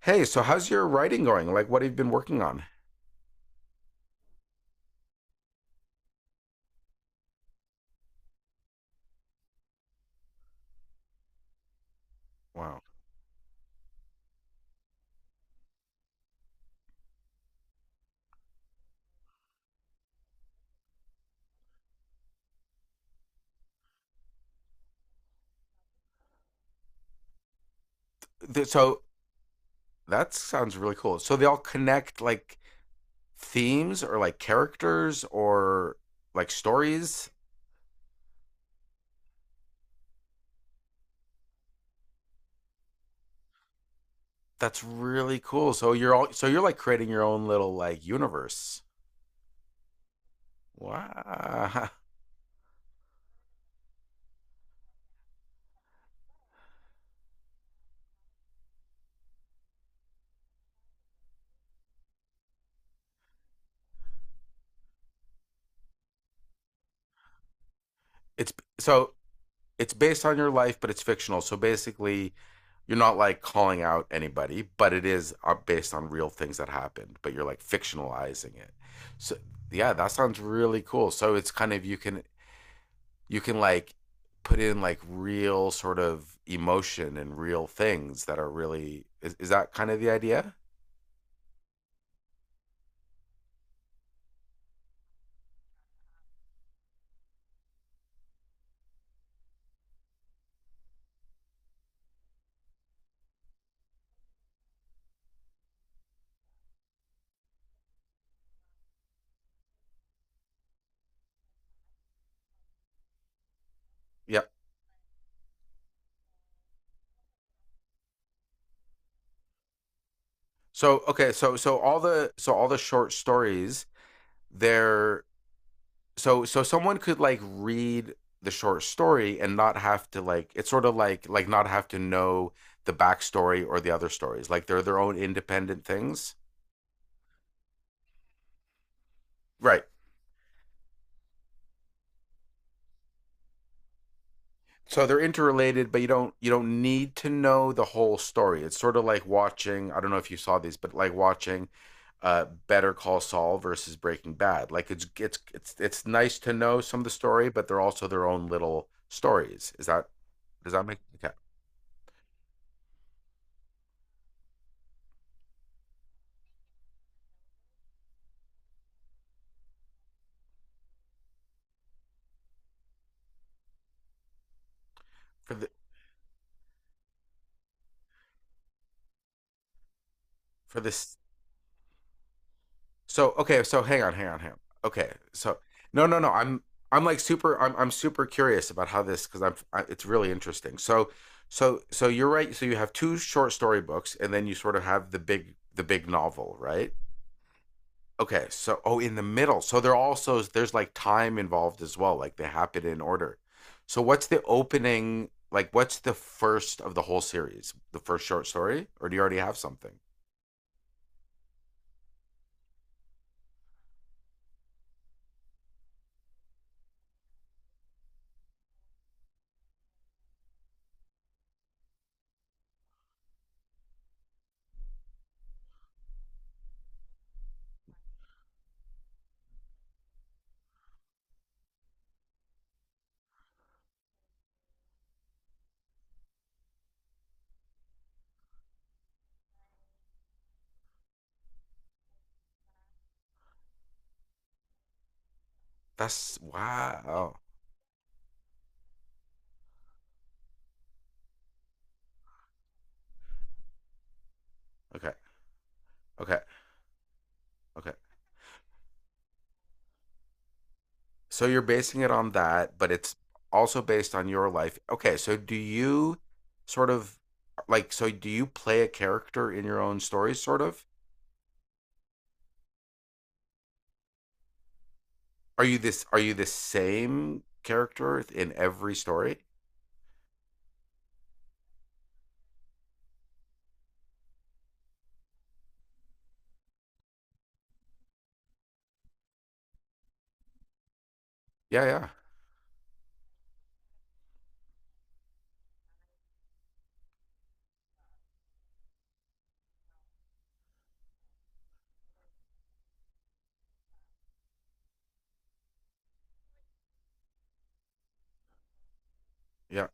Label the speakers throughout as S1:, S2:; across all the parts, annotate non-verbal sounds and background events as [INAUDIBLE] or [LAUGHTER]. S1: Hey, so how's your writing going? Like, what have you been working on? Wow. So that sounds really cool. So they all connect like themes or like characters or like stories. That's really cool. So you're all so you're like creating your own little like universe. Wow. [LAUGHS] It's so it's based on your life, but it's fictional. So basically, you're not like calling out anybody, but it is based on real things that happened, but you're like fictionalizing it. So yeah, that sounds really cool. So it's kind of you can like put in like real sort of emotion and real things that are really. Is that kind of the idea? Yeah. So okay, all the short stories, they're so so someone could like read the short story and not have to like it's sort of like not have to know the backstory or the other stories, like they're their own independent things, right. So they're interrelated, but you don't need to know the whole story. It's sort of like watching, I don't know if you saw these, but like watching Better Call Saul versus Breaking Bad. Like it's nice to know some of the story, but they're also their own little stories. Is that, does that make, okay, for the for this. So okay, so hang on, hang on, hang on. Okay, so no, no, no. I'm like super. I'm super curious about how this because I'm. It's really interesting. So so you're right. So you have two short story books, and then you sort of have the big novel, right? Okay, so oh, in the middle. So they're also there's like time involved as well. Like they happen in order. So what's the opening? Like what's the first of the whole series? The first short story, or do you already have something? That's wow. Okay, okay, okay. So you're basing it on that, but it's also based on your life. Okay, so do you sort of like, so do you play a character in your own stories, sort of? Are you the same character in every story? Yeah, yeah. Yeah.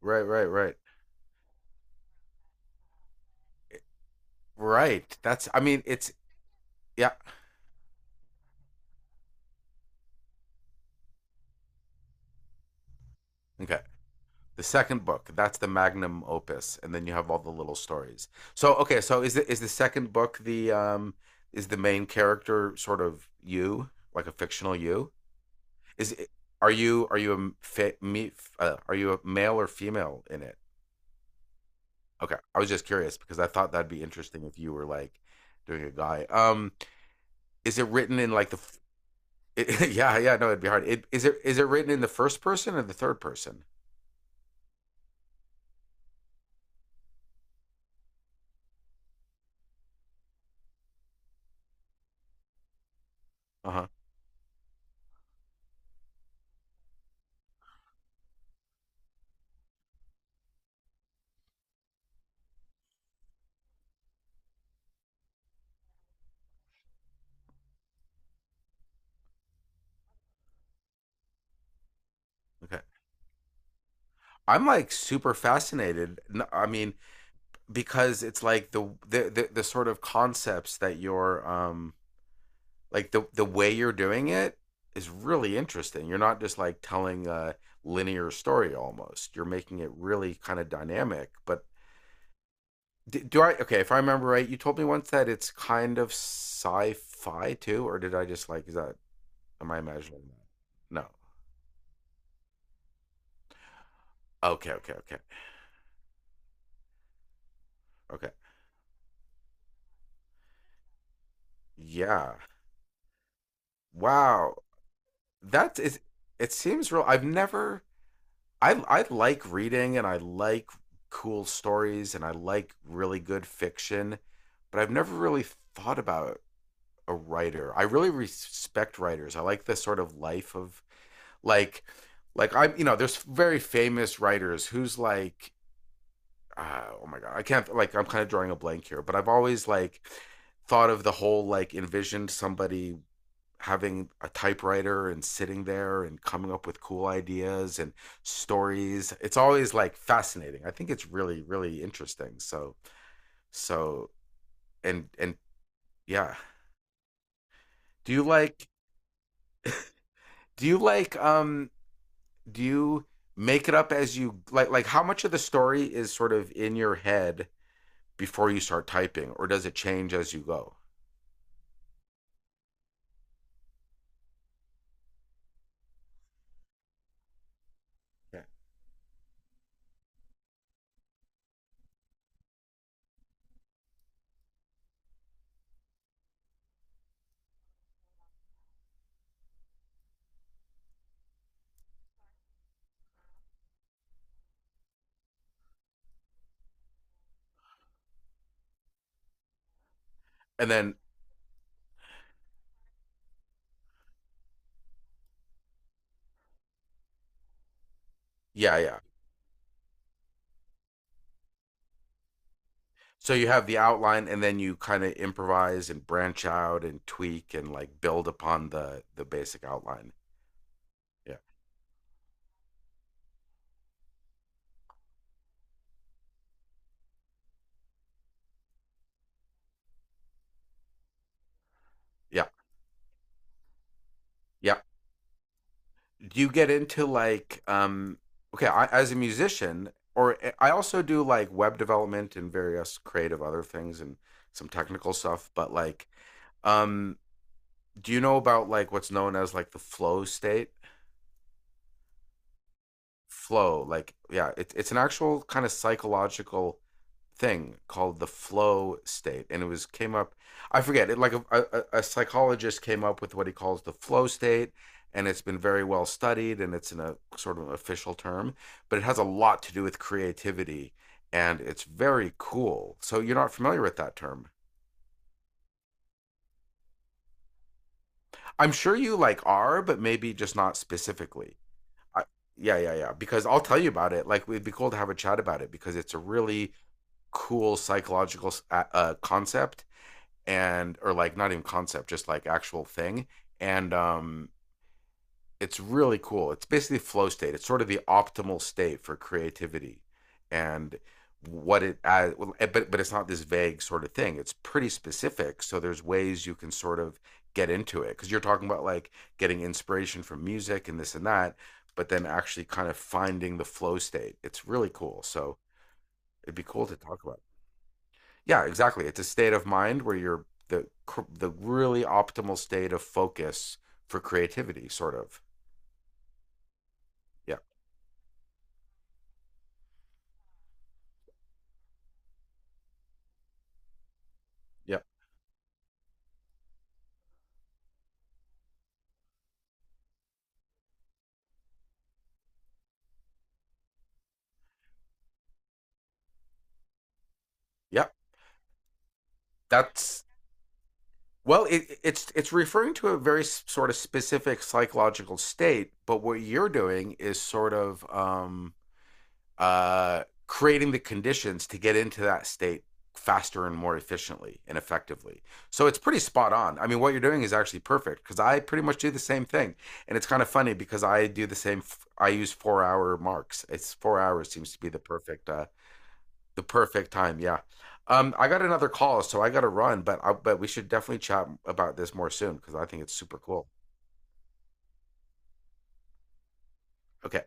S1: Right, right, right. Right. That's, I mean, it's, yeah. Okay. The second book, that's the magnum opus, and then you have all the little stories. So okay, so is the second book, the is the main character sort of you, like a fictional you? Is it, are you a me are you a male or female in it? Okay, I was just curious because I thought that'd be interesting if you were like doing a guy. Is it written in like the? It, [LAUGHS] yeah, yeah, no, it'd be hard. Is it written in the first person or the third person? Uh huh. Okay, I'm like super fascinated. I mean, because it's like the sort of concepts that you're like the way you're doing it is really interesting. You're not just like telling a linear story almost. You're making it really kind of dynamic. But do I, okay? If I remember right, you told me once that it's kind of sci-fi too, or did I just like, is that am I imagining that? No. Okay. Okay. Okay. Okay. Yeah. Wow. That is. It seems real. I've never I I like reading and I like cool stories and I like really good fiction, but I've never really thought about a writer. I really respect writers. I like the sort of life of like like, I you know there's very famous writers who's like, oh my god, I can't, like, I'm kind of drawing a blank here, but I've always like thought of the whole like envisioned somebody having a typewriter and sitting there and coming up with cool ideas and stories. It's always like fascinating. I think it's really really interesting. So so and yeah. do you like do you like do you make it up as you like, how much of the story is sort of in your head before you start typing, or does it change as you go? Yeah. And then, yeah, yeah. So you have the outline, and then you kind of improvise and branch out and tweak and like build upon the basic outline. Yeah, yeah, yeah. Do you get into like, um? Okay, I, as a musician, or I also do like web development and various creative other things and some technical stuff. But like, um, do you know about like what's known as like the flow state? Flow, like, yeah, it's an actual kind of psychological thing called the flow state, and it was came up, I forget it, like a psychologist came up with what he calls the flow state, and it's been very well studied, and it's in a sort of an official term, but it has a lot to do with creativity, and it's very cool. So you're not familiar with that term? I'm sure you like are, but maybe just not specifically. I, yeah, yeah, yeah, because I'll tell you about it. Like, it'd be cool to have a chat about it because it's a really cool psychological, concept, and or like not even concept, just like actual thing. And it's really cool. It's basically flow state. It's sort of the optimal state for creativity, and what it well, but it's not this vague sort of thing. It's pretty specific. So there's ways you can sort of get into it because you're talking about like getting inspiration from music and this and that, but then actually kind of finding the flow state. It's really cool. So it'd be cool to talk about. Yeah, exactly. It's a state of mind where you're the really optimal state of focus for creativity, sort of. Yeah, yeah, yeah. That's, well, it's referring to a very sort of specific psychological state, but what you're doing is sort of creating the conditions to get into that state faster and more efficiently and effectively. So it's pretty spot on. I mean, what you're doing is actually perfect because I pretty much do the same thing. And it's kind of funny because I do the same. I use 4-hour marks. It's 4 hours seems to be the perfect time. Yeah. I got another call, so I got to run, but we should definitely chat about this more soon because I think it's super cool. Okay.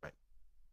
S1: Bye.